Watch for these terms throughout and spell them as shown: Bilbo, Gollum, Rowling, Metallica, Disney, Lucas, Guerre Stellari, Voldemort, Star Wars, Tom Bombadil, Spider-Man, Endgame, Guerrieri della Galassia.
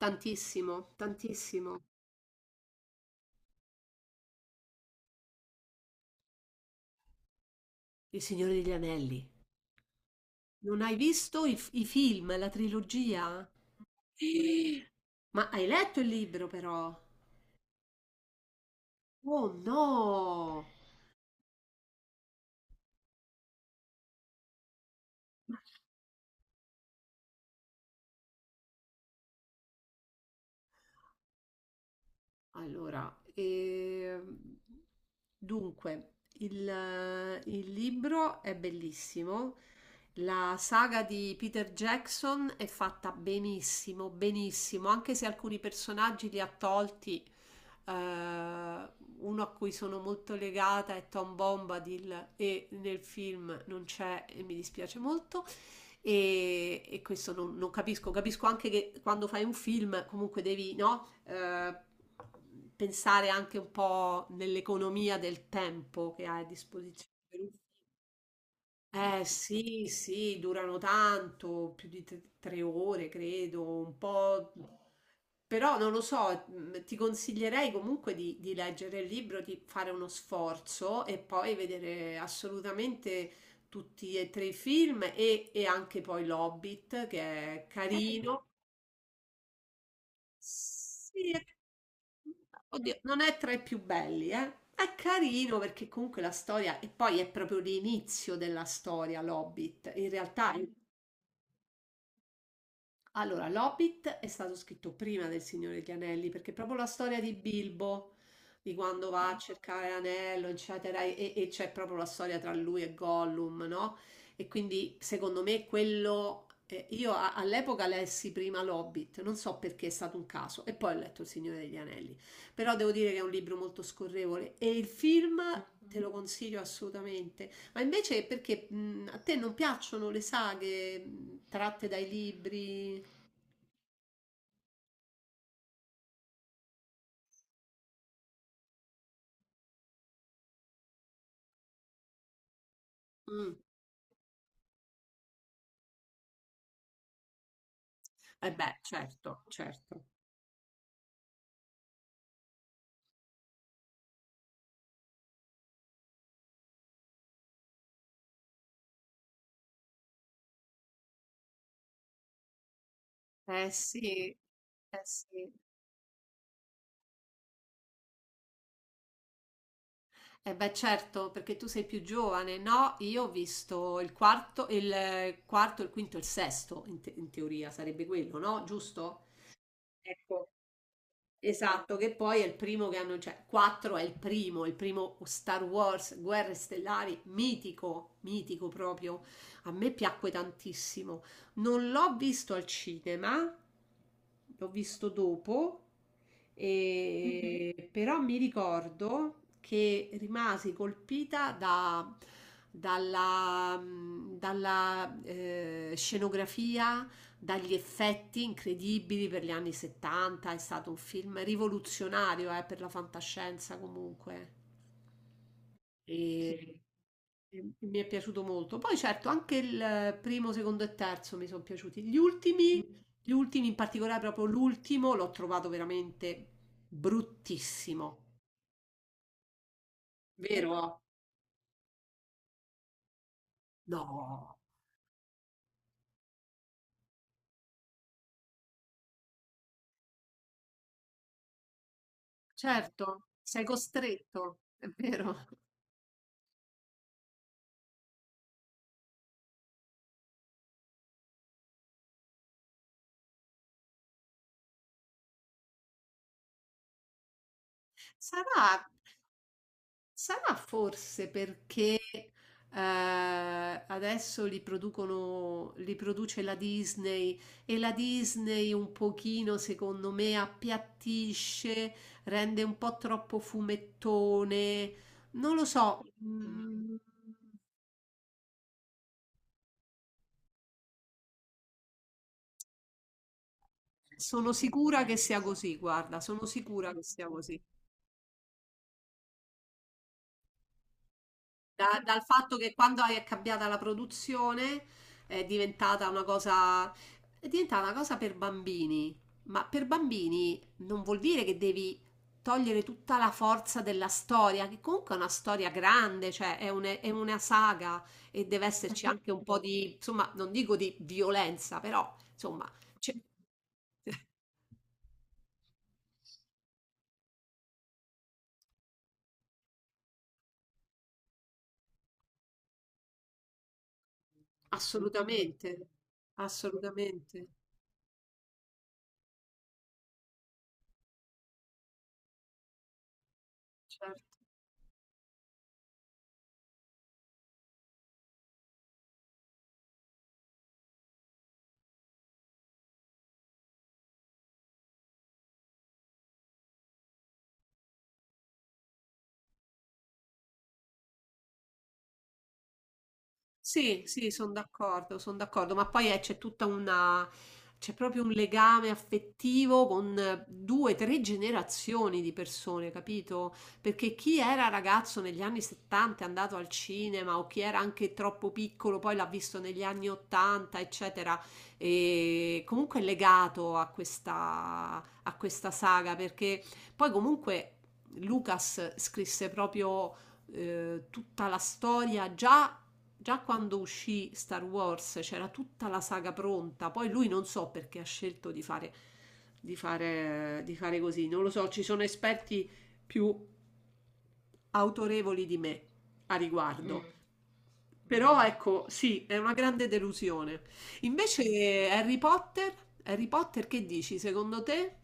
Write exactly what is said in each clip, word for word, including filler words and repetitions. Tantissimo, tantissimo. Il Signore degli Anelli. Non hai visto i, f- i film, la trilogia? Eh, Ma hai letto il libro però? Oh no! Allora, ehm, dunque, il, il libro è bellissimo. La saga di Peter Jackson è fatta benissimo, benissimo, anche se alcuni personaggi li ha tolti. eh, Uno a cui sono molto legata è Tom Bombadil e nel film non c'è e mi dispiace molto e, e questo non, non capisco. Capisco anche che quando fai un film comunque devi, no? Eh, pensare anche un po' nell'economia del tempo che hai a disposizione per un eh sì, sì, durano tanto, più di tre tre ore credo, un po', però non lo so, mh, ti consiglierei comunque di, di leggere il libro, di fare uno sforzo e poi vedere assolutamente tutti e tre i film e, e anche poi l'Hobbit, che è Eh, carino. Sì, è- oddio, non è tra i più belli, eh. È carino perché comunque la storia, e poi è proprio l'inizio della storia, l'Hobbit. In realtà è allora, l'Hobbit è stato scritto prima del Signore degli Anelli, perché proprio la storia di Bilbo, di quando va a cercare l'anello, eccetera, e, e c'è proprio la storia tra lui e Gollum, no? E quindi, secondo me, quello... eh, io a- All'epoca lessi prima l'Hobbit, non so perché è stato un caso, e poi ho letto Il Signore degli Anelli. Però devo dire che è un libro molto scorrevole e il film te lo consiglio assolutamente. Ma invece perché mh, a te non piacciono le saghe mh, tratte dai libri? Mm. Eh beh, certo, certo. Eh sì, eh sì. Eh beh, certo, perché tu sei più giovane, no? Io ho visto il quarto, il eh, quarto, il quinto, il sesto, in, te- in teoria sarebbe quello, no? Giusto? Ecco. Esatto, che poi è il primo che hanno, cioè quattro è il primo, il primo Star Wars, Guerre Stellari, mitico, mitico proprio. A me piacque tantissimo. Non l'ho visto al cinema, l'ho visto dopo. e- Mhm. Però mi ricordo che rimasi colpita da- dalla, dalla, eh, scenografia, dagli effetti incredibili per gli anni settanta. È stato un film rivoluzionario, eh, per la fantascienza comunque. E... e Mi è piaciuto molto. Poi certo, anche il primo, secondo e terzo mi sono piaciuti. Gli ultimi, gli ultimi, in particolare proprio l'ultimo, l'ho trovato veramente bruttissimo. Vero? No. Certo, sei costretto, è vero. Sarà Sarà forse perché eh, adesso li producono, li produce la Disney e la Disney un pochino, secondo me, appiattisce, rende un po' troppo fumettone. Non lo so, mm, sono sicura che sia così, guarda, sono sicura che sia così. da- dal fatto che quando è cambiata la produzione è diventata una cosa, è diventata una cosa per bambini. Ma per bambini non vuol dire che devi togliere tutta la forza della storia, che comunque è una storia grande, cioè è, un- è una saga e deve esserci anche un po' di, insomma, non dico di violenza, però insomma, c'è- assolutamente, assolutamente, certo. Sì, sì, sono d'accordo, sono d'accordo, ma poi eh, c'è tutta una, c'è proprio un legame affettivo con eh, due, tre generazioni di persone, capito? Perché chi era ragazzo negli anni settanta è andato al cinema o chi era anche troppo piccolo poi l'ha visto negli anni ottanta, eccetera, e comunque è legato a questa, a questa saga, perché poi comunque Lucas scrisse proprio eh, tutta la storia già. Già quando uscì Star Wars c'era tutta la saga pronta, poi lui non so perché ha scelto di fare, di fare, di fare così, non lo so, ci sono esperti più autorevoli di me a riguardo. Però ecco, sì, è una grande delusione. Invece Harry Potter, Harry Potter che dici? Secondo te?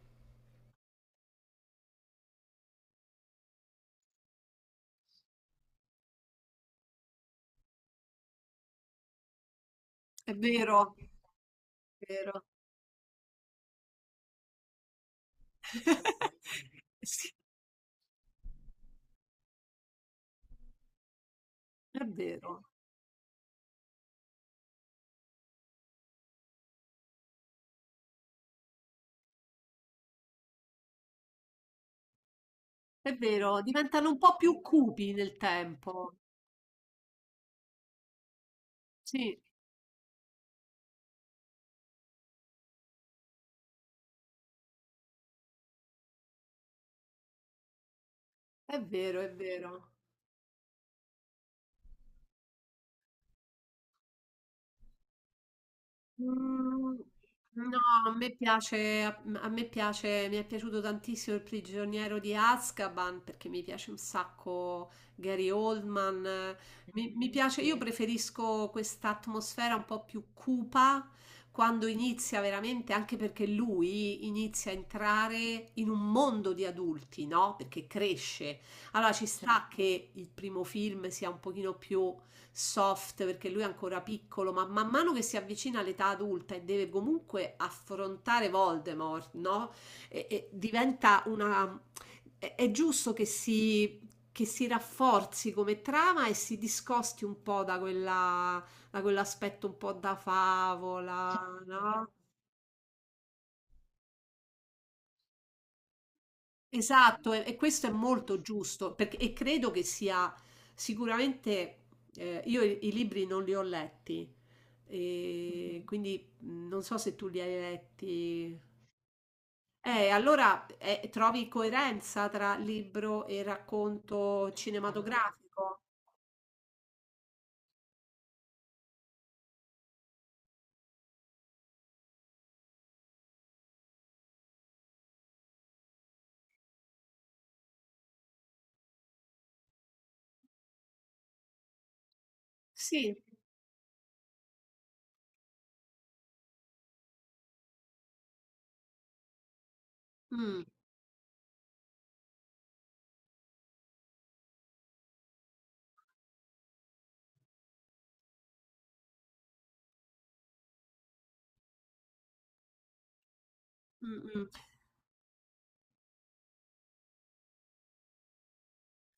È vero, è vero. Sì, è vero, è vero, diventano un po' più cupi nel tempo. Sì, è vero, è vero. Mm, no, a me piace, a, a me piace, mi è piaciuto tantissimo Il prigioniero di Azkaban perché mi piace un sacco Gary Oldman. eh, Mi, mi piace, io preferisco questa atmosfera un po' più cupa quando inizia veramente, anche perché lui inizia a entrare in un mondo di adulti, no? Perché cresce. Allora ci sta che il primo film sia un pochino più soft perché lui è ancora piccolo, ma man mano che si avvicina all'età adulta e deve comunque affrontare Voldemort, no? E, e diventa una. È, è giusto che si, che si rafforzi come trama e si discosti un po' da quella, da quell'aspetto un po' da favola, no? Esatto, e, e questo è molto giusto, perché, e credo che sia sicuramente. Eh, io i, i libri non li ho letti, e quindi mh, non so se tu li hai letti. Eh, allora eh, trovi coerenza tra libro e racconto cinematografico? Sì. Mm, mm, mm.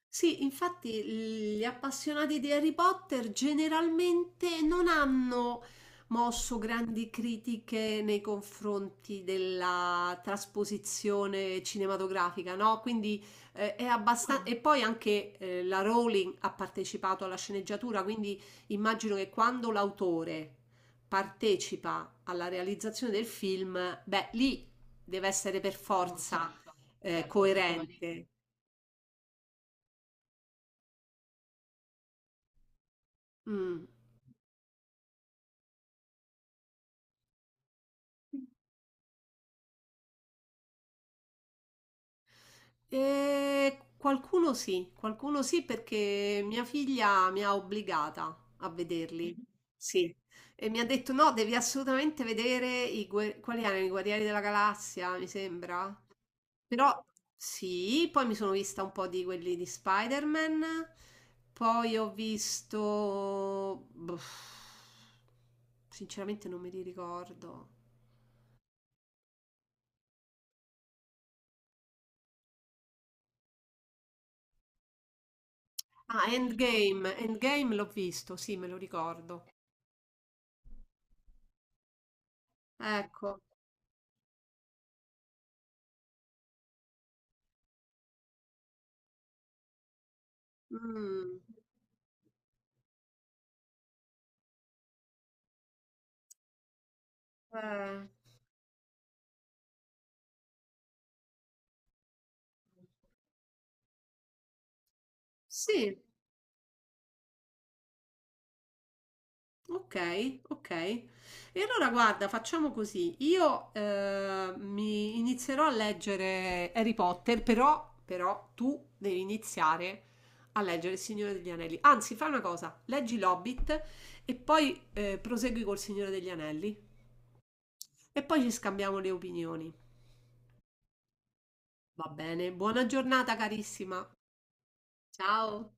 Sì, infatti gli appassionati di Harry Potter generalmente non hanno mosso grandi critiche nei confronti della trasposizione cinematografica, no? Quindi eh, è abbastanza. E poi anche eh, la Rowling ha partecipato alla sceneggiatura, quindi immagino che quando l'autore partecipa alla realizzazione del film, beh, lì deve essere per forza eh, coerente. Mm. Eh, qualcuno sì, qualcuno sì perché mia figlia mi ha obbligata a vederli. Mhm. Sì, e mi ha detto no, devi assolutamente vedere i, guer- quali erano i Guerrieri della Galassia, mi sembra. Però sì, poi mi sono vista un po' di quelli di Spider-Man, poi ho visto, boh, sinceramente non me li ricordo. Ah, Endgame, Endgame l'ho visto, sì, me lo ricordo. Ecco. Mm. eh, sì. Ok, ok. E allora guarda, facciamo così. Io eh, mi inizierò a leggere Harry Potter, però, però tu devi iniziare a leggere Il Signore degli Anelli. Anzi, fai una cosa, leggi L'Hobbit e poi eh, prosegui col Signore degli Anelli e poi ci scambiamo le opinioni. Va bene, buona giornata carissima. Ciao.